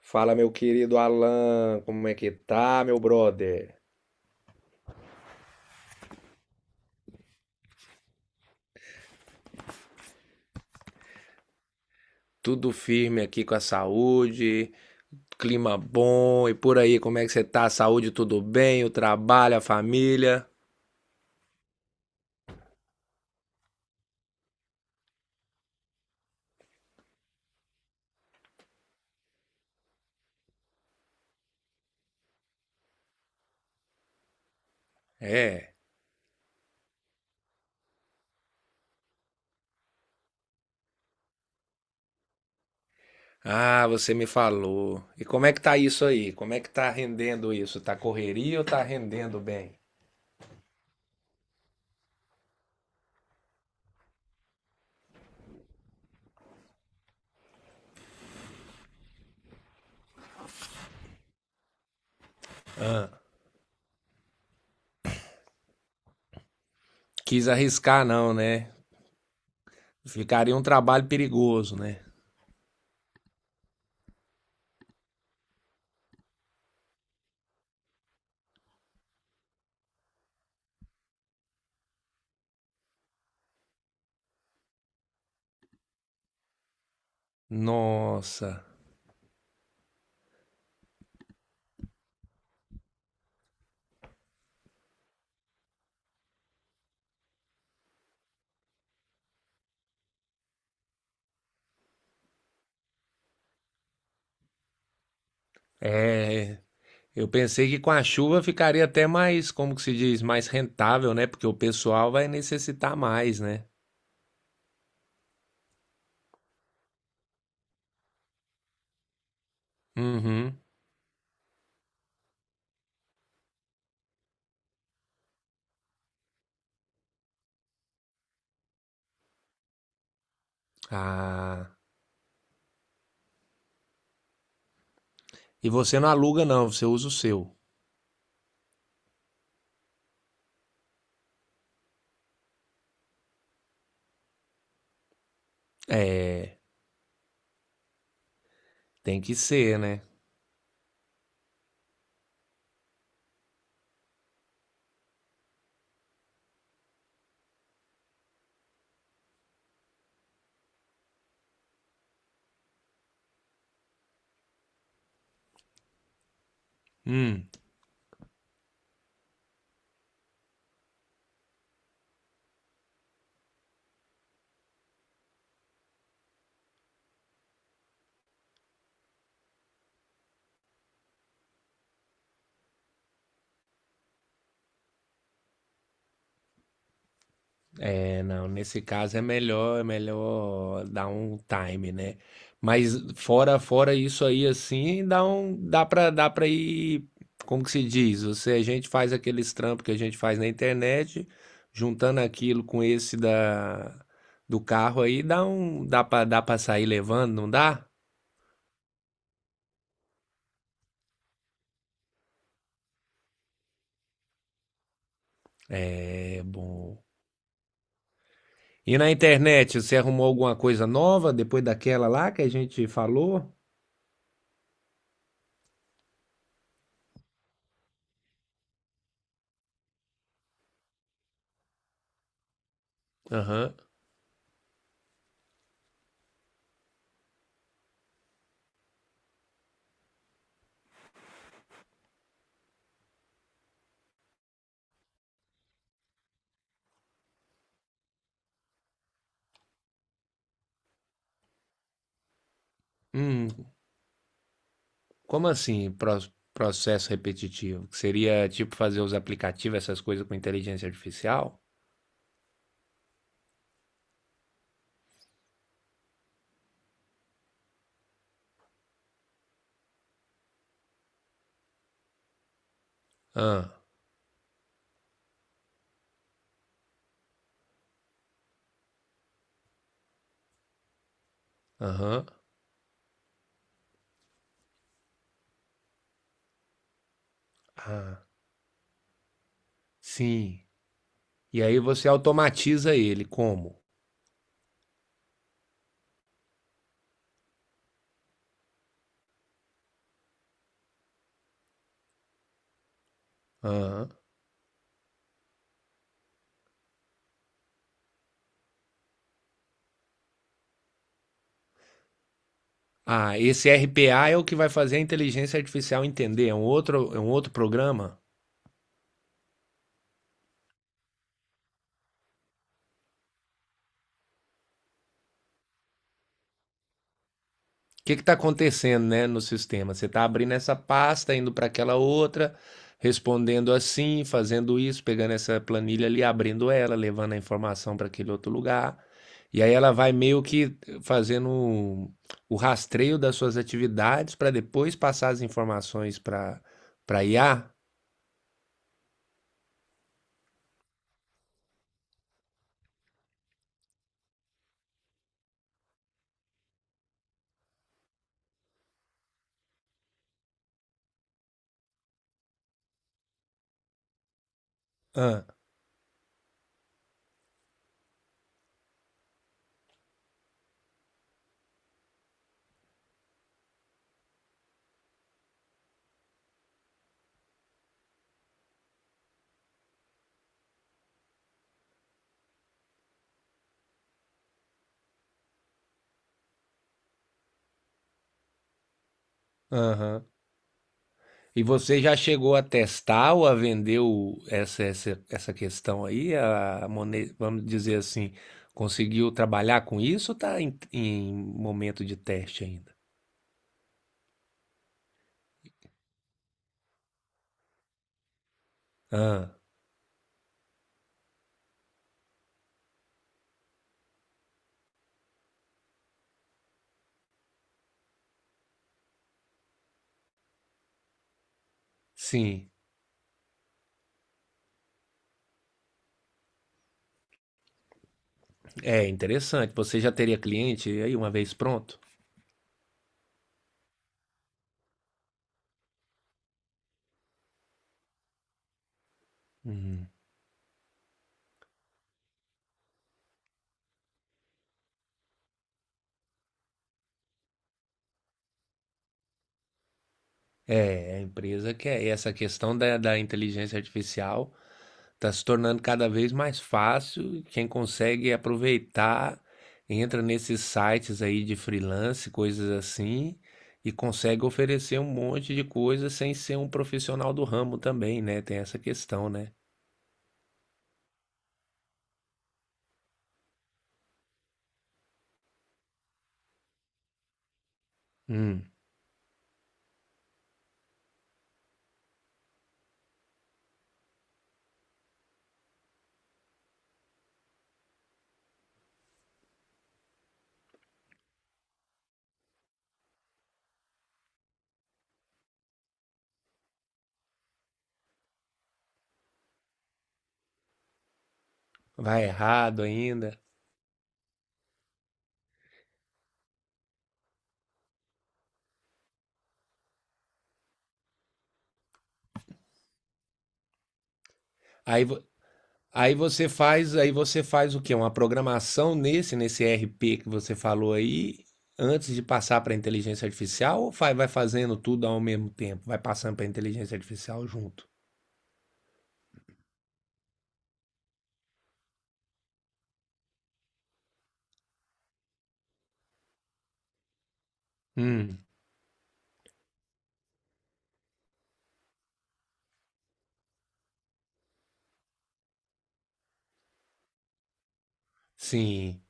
Fala, meu querido Alan, como é que tá, meu brother? Tudo firme aqui com a saúde, clima bom e por aí, como é que você tá? A saúde tudo bem? O trabalho, a família? É. Ah, você me falou. E como é que tá isso aí? Como é que tá rendendo isso? Tá correria ou tá rendendo bem? Quis arriscar não, né? Ficaria um trabalho perigoso, né? Nossa. É, eu pensei que com a chuva ficaria até mais, como que se diz, mais rentável, né? Porque o pessoal vai necessitar mais, né? Uhum. Ah. E você não aluga, não, você usa o seu. É, tem que ser, né? Hum. É, não, nesse caso é melhor dar um time, né? Mas fora isso aí assim, dá um dá pra dá para ir, como que se diz? Você a gente faz aqueles trampos que a gente faz na internet, juntando aquilo com esse da do carro aí, dá para sair levando, não dá? É, bom. E na internet, você arrumou alguma coisa nova depois daquela lá que a gente falou? Aham. Uhum. Como assim, processo repetitivo? Que seria tipo fazer os aplicativos, essas coisas com inteligência artificial? Ah, aham, ah, sim. E aí você automatiza ele, como? Aham. Ah, esse RPA é o que vai fazer a inteligência artificial entender, é um outro programa? Que está acontecendo, né, no sistema? Você está abrindo essa pasta, indo para aquela outra, respondendo assim, fazendo isso, pegando essa planilha ali, abrindo ela, levando a informação para aquele outro lugar. E aí ela vai meio que fazendo rastreio das suas atividades para depois passar as informações para IA. Ah, e você já chegou a testar ou a vender essa, essa, essa questão aí? A vamos dizer assim, conseguiu trabalhar com isso ou está em, em momento de teste ainda? Ah, sim. É interessante. Você já teria cliente aí uma vez pronto? É, a empresa quer essa questão da, da inteligência artificial. Está se tornando cada vez mais fácil. Quem consegue aproveitar, entra nesses sites aí de freelance, coisas assim, e consegue oferecer um monte de coisa sem ser um profissional do ramo também, né? Tem essa questão, né? Hum, vai errado ainda. Aí, vo- aí você faz, aí você faz o quê? Uma programação nesse, nesse RP que você falou aí, antes de passar para a inteligência artificial, ou vai, vai fazendo tudo ao mesmo tempo? Vai passando para a inteligência artificial junto? Hum, sim.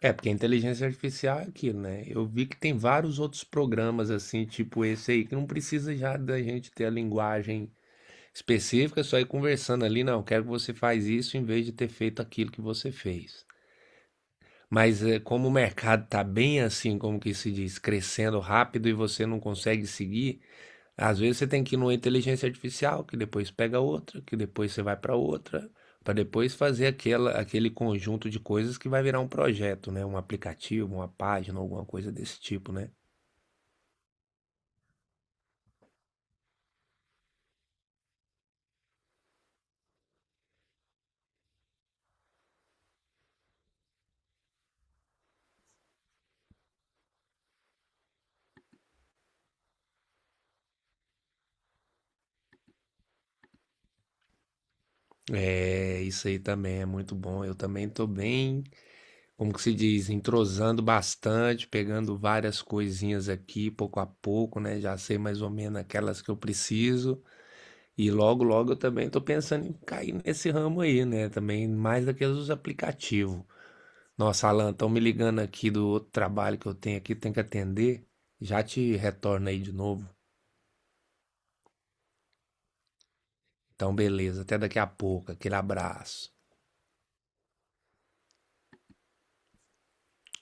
É, porque a inteligência artificial é aquilo, né? Eu vi que tem vários outros programas assim, tipo esse aí, que não precisa já da gente ter a linguagem específica, só ir conversando ali, não, quero que você faz isso em vez de ter feito aquilo que você fez. Mas é, como o mercado tá bem assim, como que se diz, crescendo rápido e você não consegue seguir, às vezes você tem que ir numa inteligência artificial, que depois pega outra, que depois você vai para outra, para depois fazer aquela, aquele conjunto de coisas que vai virar um projeto, né? Um aplicativo, uma página, alguma coisa desse tipo, né? É, isso aí também é muito bom. Eu também estou bem, como que se diz, entrosando bastante, pegando várias coisinhas aqui, pouco a pouco, né? Já sei mais ou menos aquelas que eu preciso. E logo, logo eu também estou pensando em cair nesse ramo aí, né? Também mais daqueles dos aplicativos. Nossa, Alan, estão me ligando aqui do outro trabalho que eu tenho aqui, tenho que atender. Já te retorno aí de novo. Então, beleza, até daqui a pouco. Aquele abraço.